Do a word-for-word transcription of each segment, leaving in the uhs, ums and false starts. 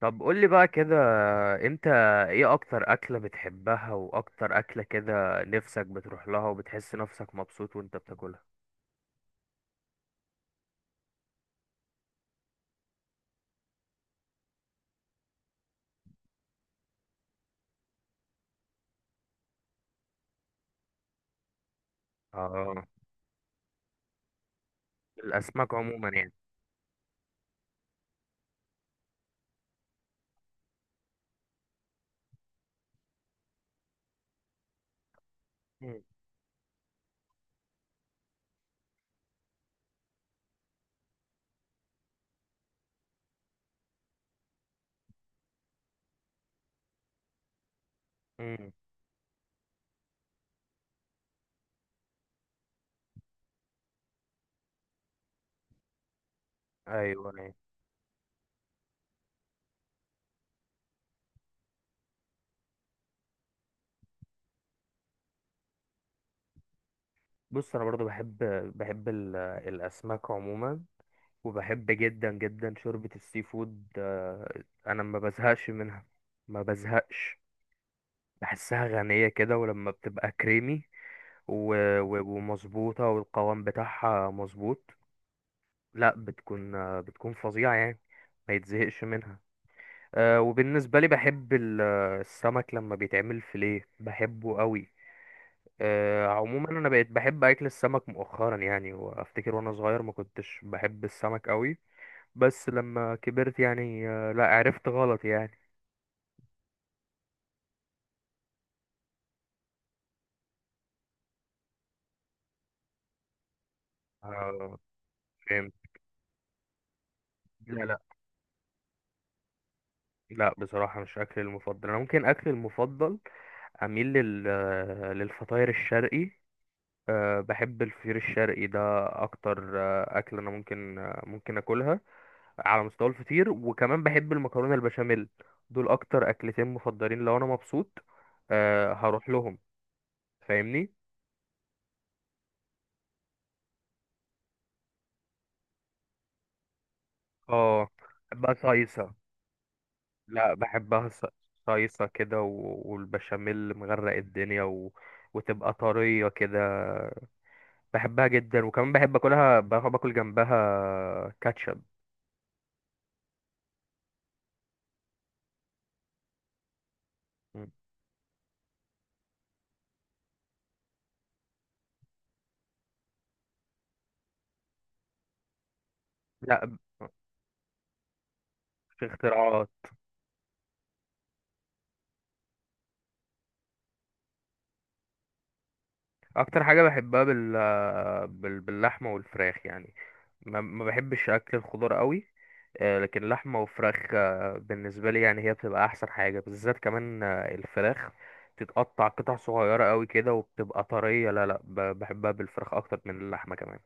طب قولي بقى كده. انت ايه اكتر اكلة بتحبها، واكتر اكلة كده نفسك بتروح لها وبتحس نفسك مبسوط وانت بتاكلها؟ اه، الاسماك عموما يعني. مم. مم. ايوه، ايوه. بص، انا برضو بحب بحب ال- الاسماك عموما، وبحب جدا جدا شوربة السي فود، آه، انا ما بزهقش منها. ما بزهقش. بحسها غنية كده، ولما بتبقى كريمي و- و- ومظبوطة والقوام بتاعها مظبوط. لا، بتكون آه، بتكون فظيعة يعني. ما يتزهقش منها. آه، وبالنسبة لي بحب ال- آه، السمك لما بيتعمل فيليه بحبه قوي. آه، عموما انا بقيت بحب اكل السمك مؤخرا يعني، وافتكر وانا صغير ما كنتش بحب السمك قوي. بس لما كبرت يعني، آه، لا، عرفت غلط يعني. آه، فهمت. لا، لا. لا، بصراحة مش أكلي المفضل. أنا ممكن أكلي المفضل أميل لل... آه، للفطاير الشرقي. أه بحب الفطير الشرقي ده، اكتر أه اكل انا ممكن أه ممكن اكلها على مستوى الفطير، وكمان بحب المكرونه البشاميل. دول اكتر اكلتين مفضلين لو انا مبسوط، أه هروح لهم، فاهمني؟ اه. بحبها صيصه. لا، بحبها ص- صيصه كده، و- والبشاميل مغرق الدنيا و... وتبقى طريه كده. بحبها جدا، وكمان بحب اكلها بحب اكل جنبها كاتشب. لا، في اختراعات. اكتر حاجه بحبها بال... بال... باللحمه والفراخ يعني. ما, ما بحبش اكل الخضار قوي. آه، لكن لحمه وفراخ، آه، بالنسبه لي يعني هي بتبقى احسن حاجه، بالذات كمان آه، الفراخ تتقطع قطع صغيره قوي كده وبتبقى طريه. لا، لا، ب- بحبها بالفراخ اكتر من اللحمه كمان.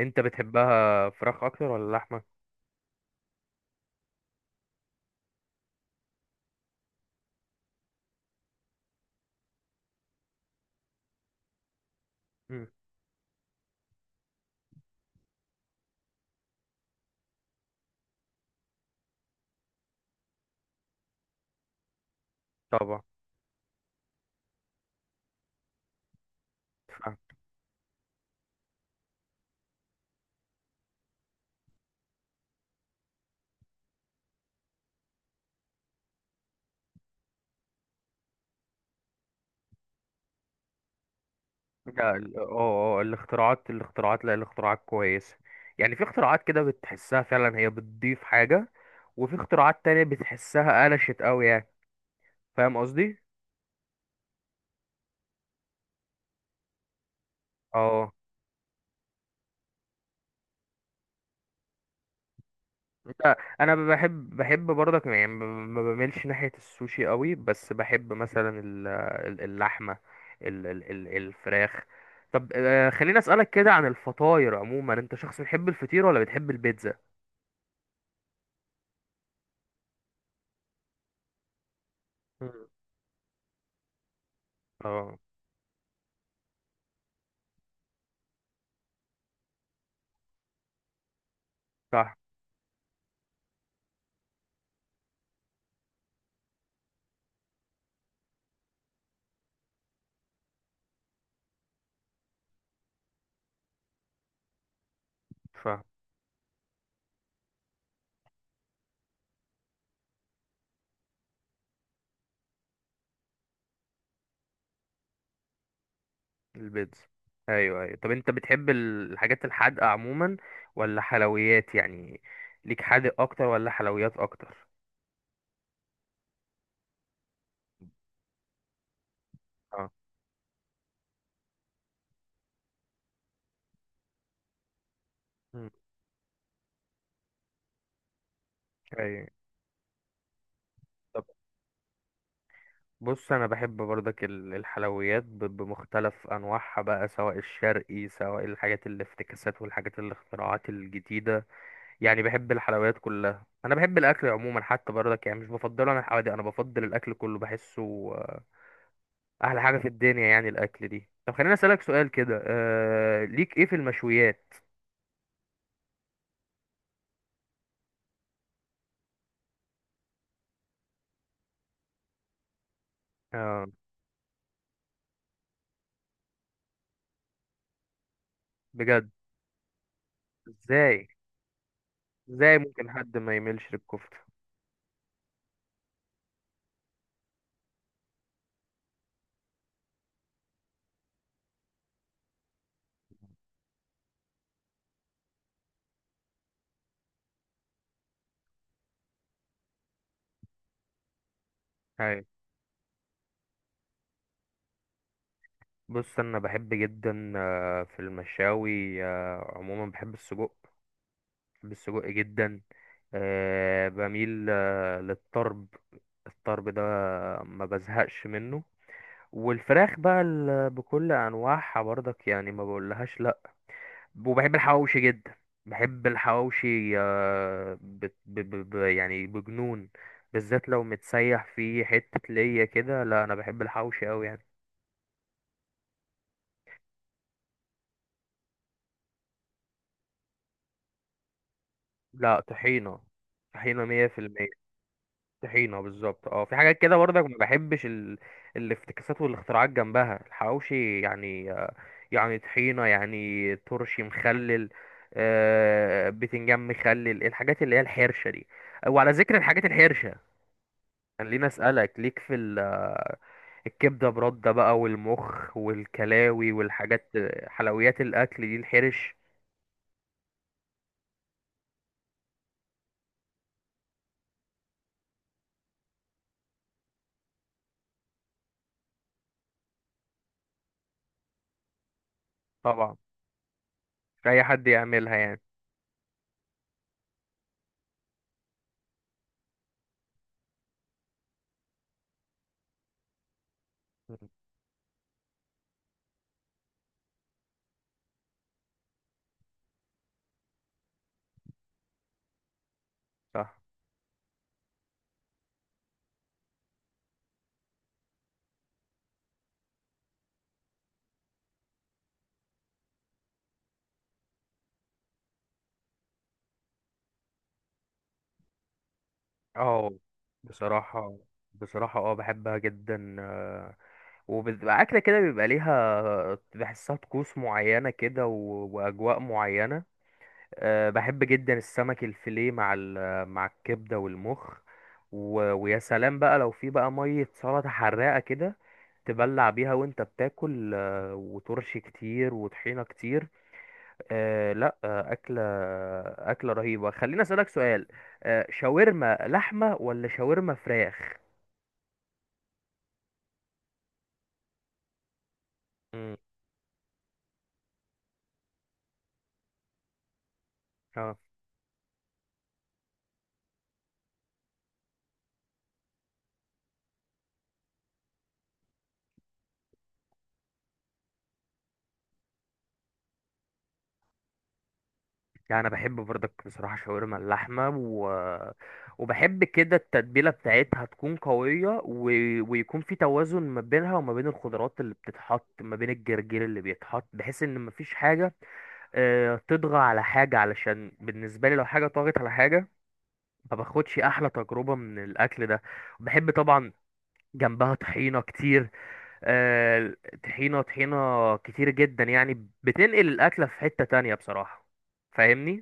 انت بتحبها فراخ اكتر ولا لحمه؟ مم، طبعا. لا، ال- اه اه الاختراعات الاختراعات لا، الاختراعات كويسة. يعني في اختراعات كده بتحسها فعلا هي بتضيف حاجة، وفي اختراعات تانية بتحسها قلشت قوي يعني، فاهم قصدي؟ اه. انت- انا بحب بحب برضك يعني ما ما بميلش ناحية السوشي قوي، بس بحب مثلا ال- ال- اللحمة، ال- ال- ال- الفراخ. طب، آه، خليني اسألك كده عن الفطاير عموما. انت شخص بتحب الفطير ولا بتحب البيتزا؟ مم. اه. صح، صح. البيتزا. ايوه، ايوه. طب، انت بتحب ال- الحاجات الحادقه عموما ولا حلويات يعني؟ ليك حادق اكتر ولا حلويات اكتر؟ اه. مم. ايوه. طب، بص، انا بحب برضك ال- الحلويات ب- بمختلف انواعها بقى، سواء الشرقي سواء الحاجات الافتكاسات والحاجات الاختراعات الجديده. يعني بحب الحلويات كلها، انا بحب الاكل عموما حتى برضك يعني، مش بفضله انا الحوادق، انا بفضل الاكل كله، بحسه احلى حاجه في الدنيا يعني الاكل دي. طب، خليني اسالك سؤال كده. آه ليك ايه في المشويات؟ آه بجد؟ ازاي؟ ازاي ممكن حد ما يميلش للكفته؟ هاي. بص، انا بحب جدا آه، في المشاوي، آه، عموما بحب السجق. بحب السجق جدا. آه، بميل آه، للطرب. الطرب ده ما بزهقش منه. والفراخ بقى ال- بكل انواعها برضك يعني ما بقولهاش لا. وبحب الحواوشي جدا. بحب الحواوشي آه، بت- ب... ب... ب... يعني بجنون. بالذات لو متسيح فيه حتة ليا كده، لا، أنا بحب الحواوشي أوي يعني. لا، طحينة. طحينة مية في المية. طحينة بالظبط. اه، في حاجات كده برضك ما بحبش ال... الافتكاسات والاختراعات جنبها الحواوشي يعني آه، يعني طحينة يعني ترشي مخلل، آه، بتنجان مخلل، الحاجات اللي هي الحرشة دي. وعلى ذكر الحاجات الحرشة، خليني اسالك ليك في ال- الكبده برده بقى والمخ والكلاوي والحاجات، حلويات الاكل دي الحرش؟ طبعا. اي حد يعملها يعني. مم. صح. اه. بصراحه بصراحه، اه بحبها جدا، آه، وبتبقى اكله كده بيبقى ليها، بحسها طقوس معينه كده و- واجواء معينه. آه، بحب جدا السمك الفيليه مع ال- مع الكبده والمخ، و... ويا سلام بقى لو في بقى ميه سلطه حراقه كده تبلع بيها وانت بتاكل، آه، وترش كتير وطحينة كتير. آه لا، آه أكلة أكلة رهيبة. خليني أسألك سؤال. آه شاورما لحمة ولا شاورما فراخ؟ مم. اه. يعني انا بحب برضك بصراحه شاورما اللحمه، و... وبحب كده التتبيله بتاعتها تكون قويه، و... ويكون في توازن ما بينها وما بين الخضروات اللي بتتحط ما بين الجرجير اللي بيتحط، بحيث ان مفيش حاجه آه، تطغى على حاجه، علشان بالنسبه لي لو حاجه طغت على حاجه ما باخدش احلى تجربه من الاكل ده. بحب طبعا جنبها طحينه كتير، آه طحينه، طحينه كتير جدا، يعني بتنقل الاكله في حته تانية بصراحه، فاهمني؟